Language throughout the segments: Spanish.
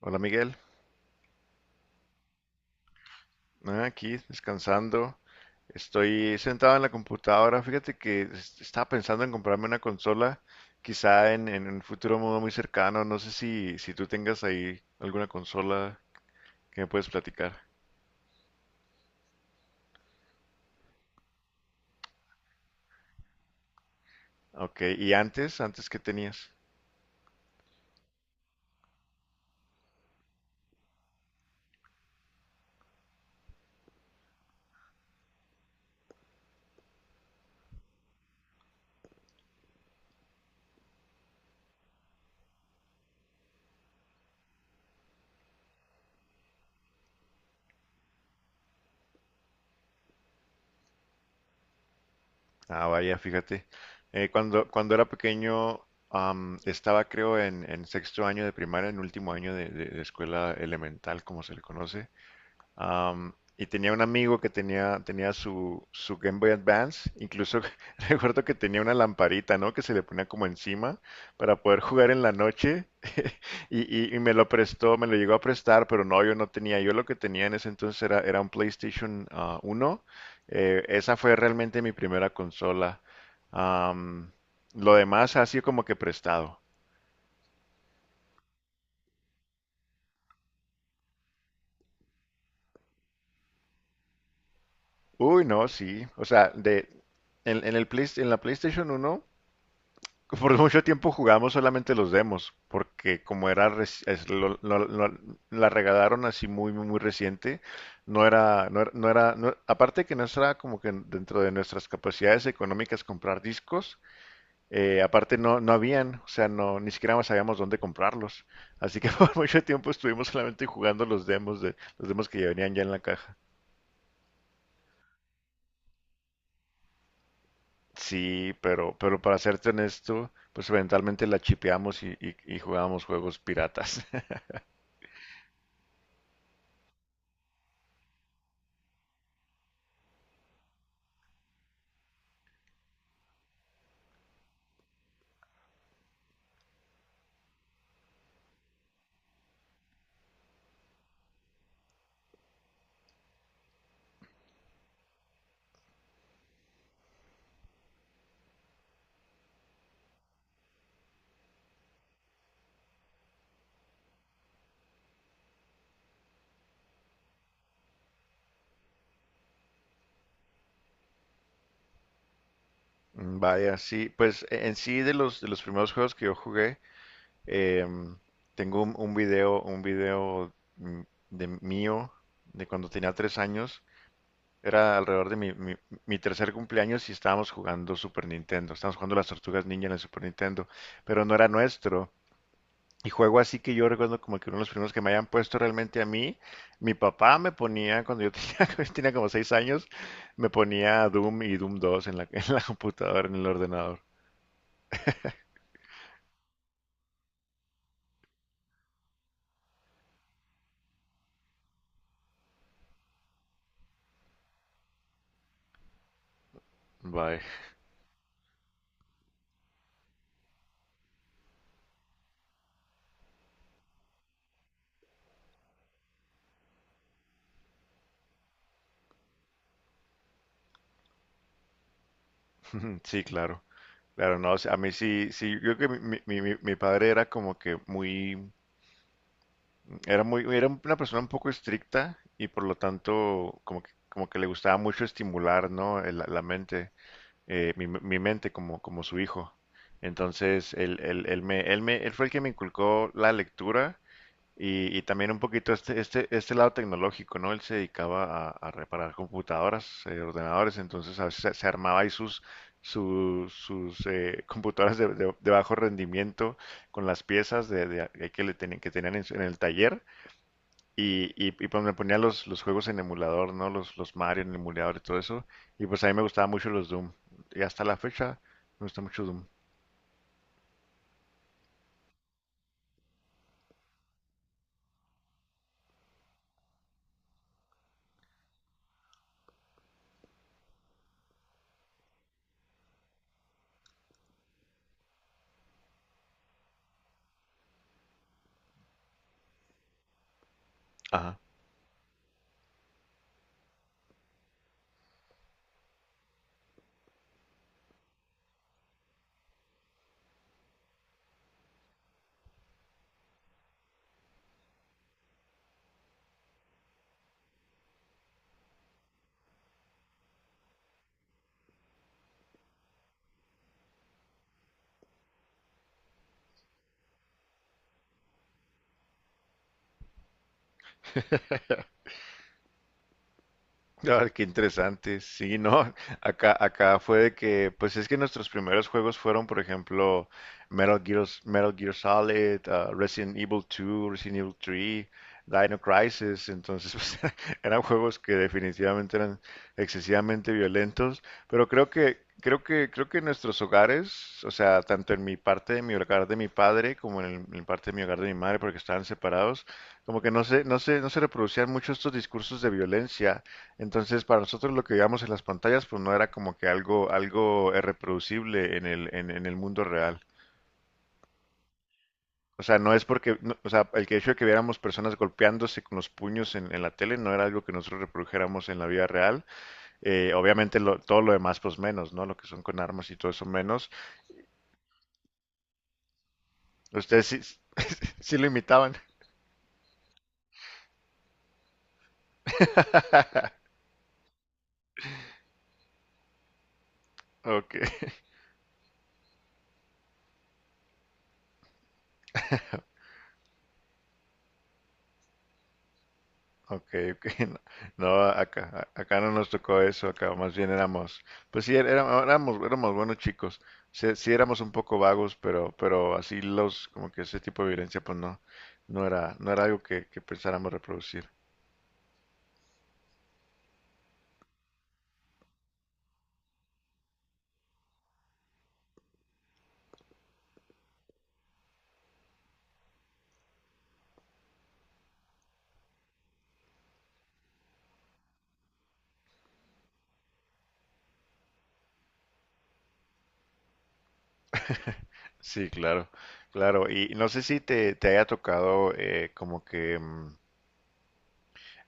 Hola Miguel. Ah, aquí descansando. Estoy sentado en la computadora. Fíjate que estaba pensando en comprarme una consola, quizá en un futuro muy cercano. No sé si tú tengas ahí alguna consola que me puedes platicar. Ok, ¿y antes? ¿Antes qué tenías? Ah, vaya, fíjate. Cuando era pequeño, estaba creo en sexto año de primaria, en último año de escuela elemental, como se le conoce. Am, y tenía un amigo que tenía su Game Boy Advance, incluso recuerdo que tenía una lamparita, ¿no? Que se le ponía como encima para poder jugar en la noche. Y, y me lo prestó, me lo llegó a prestar, pero no, yo no tenía. Yo lo que tenía en ese entonces era un PlayStation 1. Esa fue realmente mi primera consola. Am, lo demás ha sido como que prestado. Uy, no, sí. En el en la PlayStation uno por mucho tiempo jugamos solamente los demos, porque como era la regalaron así muy muy muy reciente, aparte que no era como que dentro de nuestras capacidades económicas comprar discos. Eh, aparte no habían, o sea, no ni siquiera sabíamos dónde comprarlos, así que por mucho tiempo estuvimos solamente jugando los demos de los demos que ya venían ya en la caja. Sí, pero para serte honesto, pues eventualmente la chipeamos y jugábamos juegos piratas. Mm, vaya, sí, pues e- en sí de los primeros juegos que yo jugué, em, tengo un video mm, de mío de cuando tenía 3 años. Era alrededor de mi tercer cumpleaños y estábamos jugando Super Nintendo. Estábamos jugando las Tortugas Ninja en el Super Nintendo, pero no era nuestro. Y juego así que yo recuerdo como que uno de los primeros que me hayan puesto realmente a mí, mi papá me ponía cuando yo tenía, yo tenía como 6 años, me ponía Doom y Doom dos en la computadora, en el ordenador. Bye. Sí, claro. Claro, no, a mí sí, sí, yo creo que mi padre era como que muy, era una persona un poco estricta y por lo tanto como que le gustaba mucho estimular, ¿no? La mente, mi mente como, como su hijo. Entonces, él fue el que me inculcó la lectura. Y también un poquito este lado tecnológico, ¿no? Él se dedicaba a reparar computadoras, ordenadores, entonces a veces se armaba ahí sus computadoras de bajo rendimiento con las piezas de que, le tenían, que tenían en, en el taller y pues me ponía los juegos en emulador, ¿no? Los Mario en emulador y todo eso. Y pues a mí me gustaban mucho los Doom. Y hasta la fecha me gusta mucho Doom. Ajá. Ah, qué interesante. Sí, no, acá fue de que, pues es que nuestros primeros juegos fueron, por ejemplo, Metal Gear, Metal Gear Solid, ah, Resident Evil 2, Resident Evil 3, Dino Crisis. Entonces, pues, eran juegos que definitivamente eran excesivamente violentos. Pero creo que en nuestros hogares, o sea, tanto en mi parte de mi hogar de mi padre como en en parte de mi hogar de mi madre, porque estaban separados, como que no se reproducían mucho estos discursos de violencia. Entonces, para nosotros lo que veíamos en las pantallas, pues no era como que algo, algo reproducible en el mundo real. O sea, no es porque, no- o sea, el que hecho de que viéramos personas golpeándose con los puños en la tele no era algo que nosotros reprodujéramos en la vida real. Obviamente todo lo demás, pues menos, ¿no? Lo que son con armas y todo eso menos. Ustedes sí, sí lo imitaban. Ok. Ok, ok. No, no, acá no nos tocó eso, acá más bien éramos, pues sí, éramos buenos chicos, sí, sí éramos un poco vagos, pero así los, como que ese tipo de violencia, pues no, no era algo que pensáramos reproducir. Sí, claro, claro. Y no sé si te haya tocado como que mm,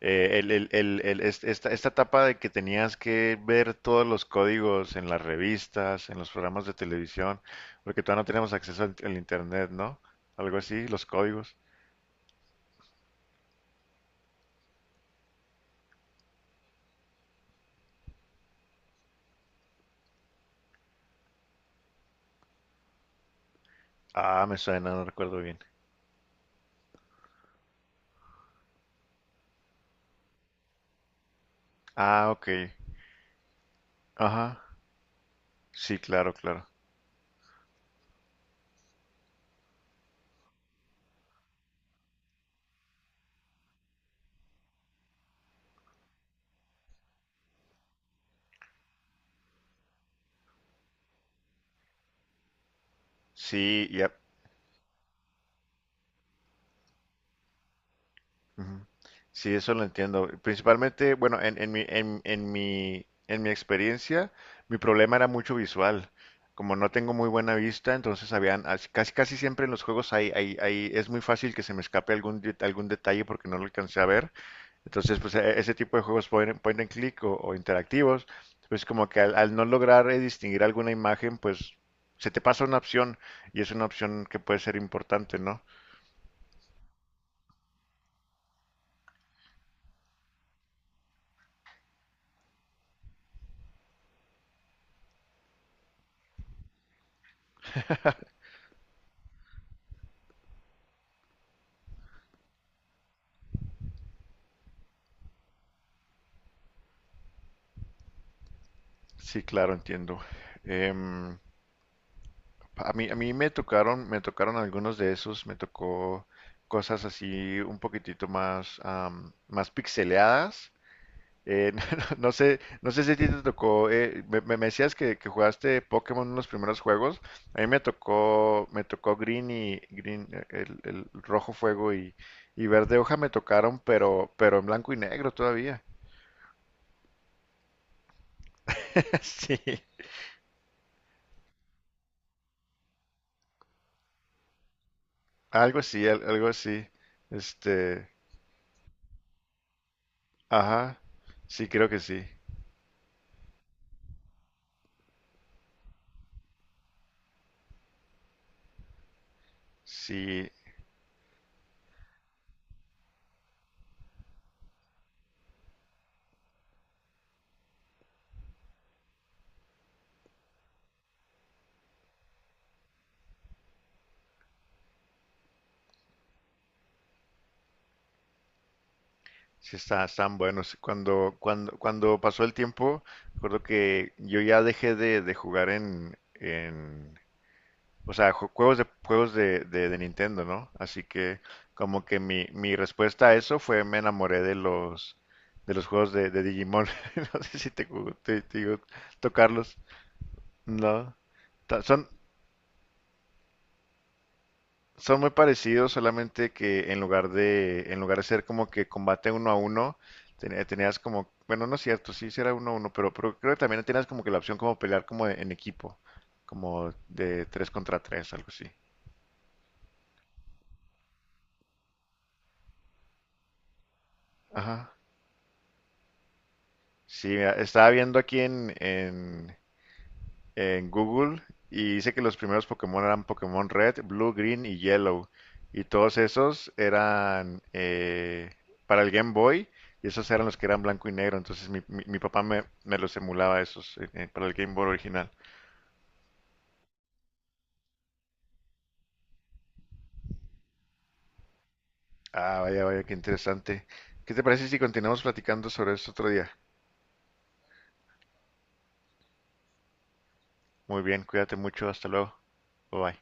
eh, esta etapa de que tenías que ver todos los códigos en las revistas, en los programas de televisión, porque todavía no teníamos acceso al internet, ¿no? Algo así, los códigos. Ah, me suena, no recuerdo bien. Ah, ok. Ajá. Sí, claro, claro. Sí, ya. Ujú. Sí, eso lo entiendo. Principalmente, bueno, en mi experiencia, mi problema era mucho visual. Como no tengo muy buena vista, entonces habían, casi siempre en los juegos es muy fácil que se me escape algún detalle porque no lo alcancé a ver. Entonces, pues ese tipo de juegos point and click o interactivos, pues como que al no lograr distinguir alguna imagen, pues se te pasa una opción y es una opción que puede ser importante, ¿no? Sí, claro, entiendo. Em, a mí, me tocaron algunos de esos, me tocó cosas así un poquitito más, am, más pixeleadas. Eh, no sé si a ti te tocó, me decías que jugaste Pokémon en los primeros juegos. A mí me tocó Green y Green, el rojo fuego y verde hoja me tocaron, pero en blanco y negro todavía. Sí, algo así, algo así. Este, ajá, sí, creo que sí. Sí, sí, está, están buenos. Cuando pasó el tiempo, recuerdo que yo ya dejé de jugar en, o sea, de Nintendo, ¿no? Así que como que mi respuesta a eso fue me enamoré de los juegos de Digimon. No sé si te, te digo, tocarlos. No. Son, son muy parecidos, solamente que en lugar de ser como que combate uno a uno, tenías como, bueno, no es cierto, sí, sí era uno a uno, pero creo que también tenías como que la opción como pelear como en equipo, como de tres contra tres, algo así. Ajá. Sí, mira, estaba viendo aquí en Google y dice que los primeros Pokémon eran Pokémon Red, Blue, Green y Yellow. Y todos esos eran para el Game Boy y esos eran los que eran blanco y negro. Entonces mi papá me los emulaba esos para el Game Boy original. Ah, vaya, vaya, qué interesante. ¿Qué te parece si continuamos platicando sobre esto otro día? Muy bien, cuídate mucho, hasta luego. Bye bye.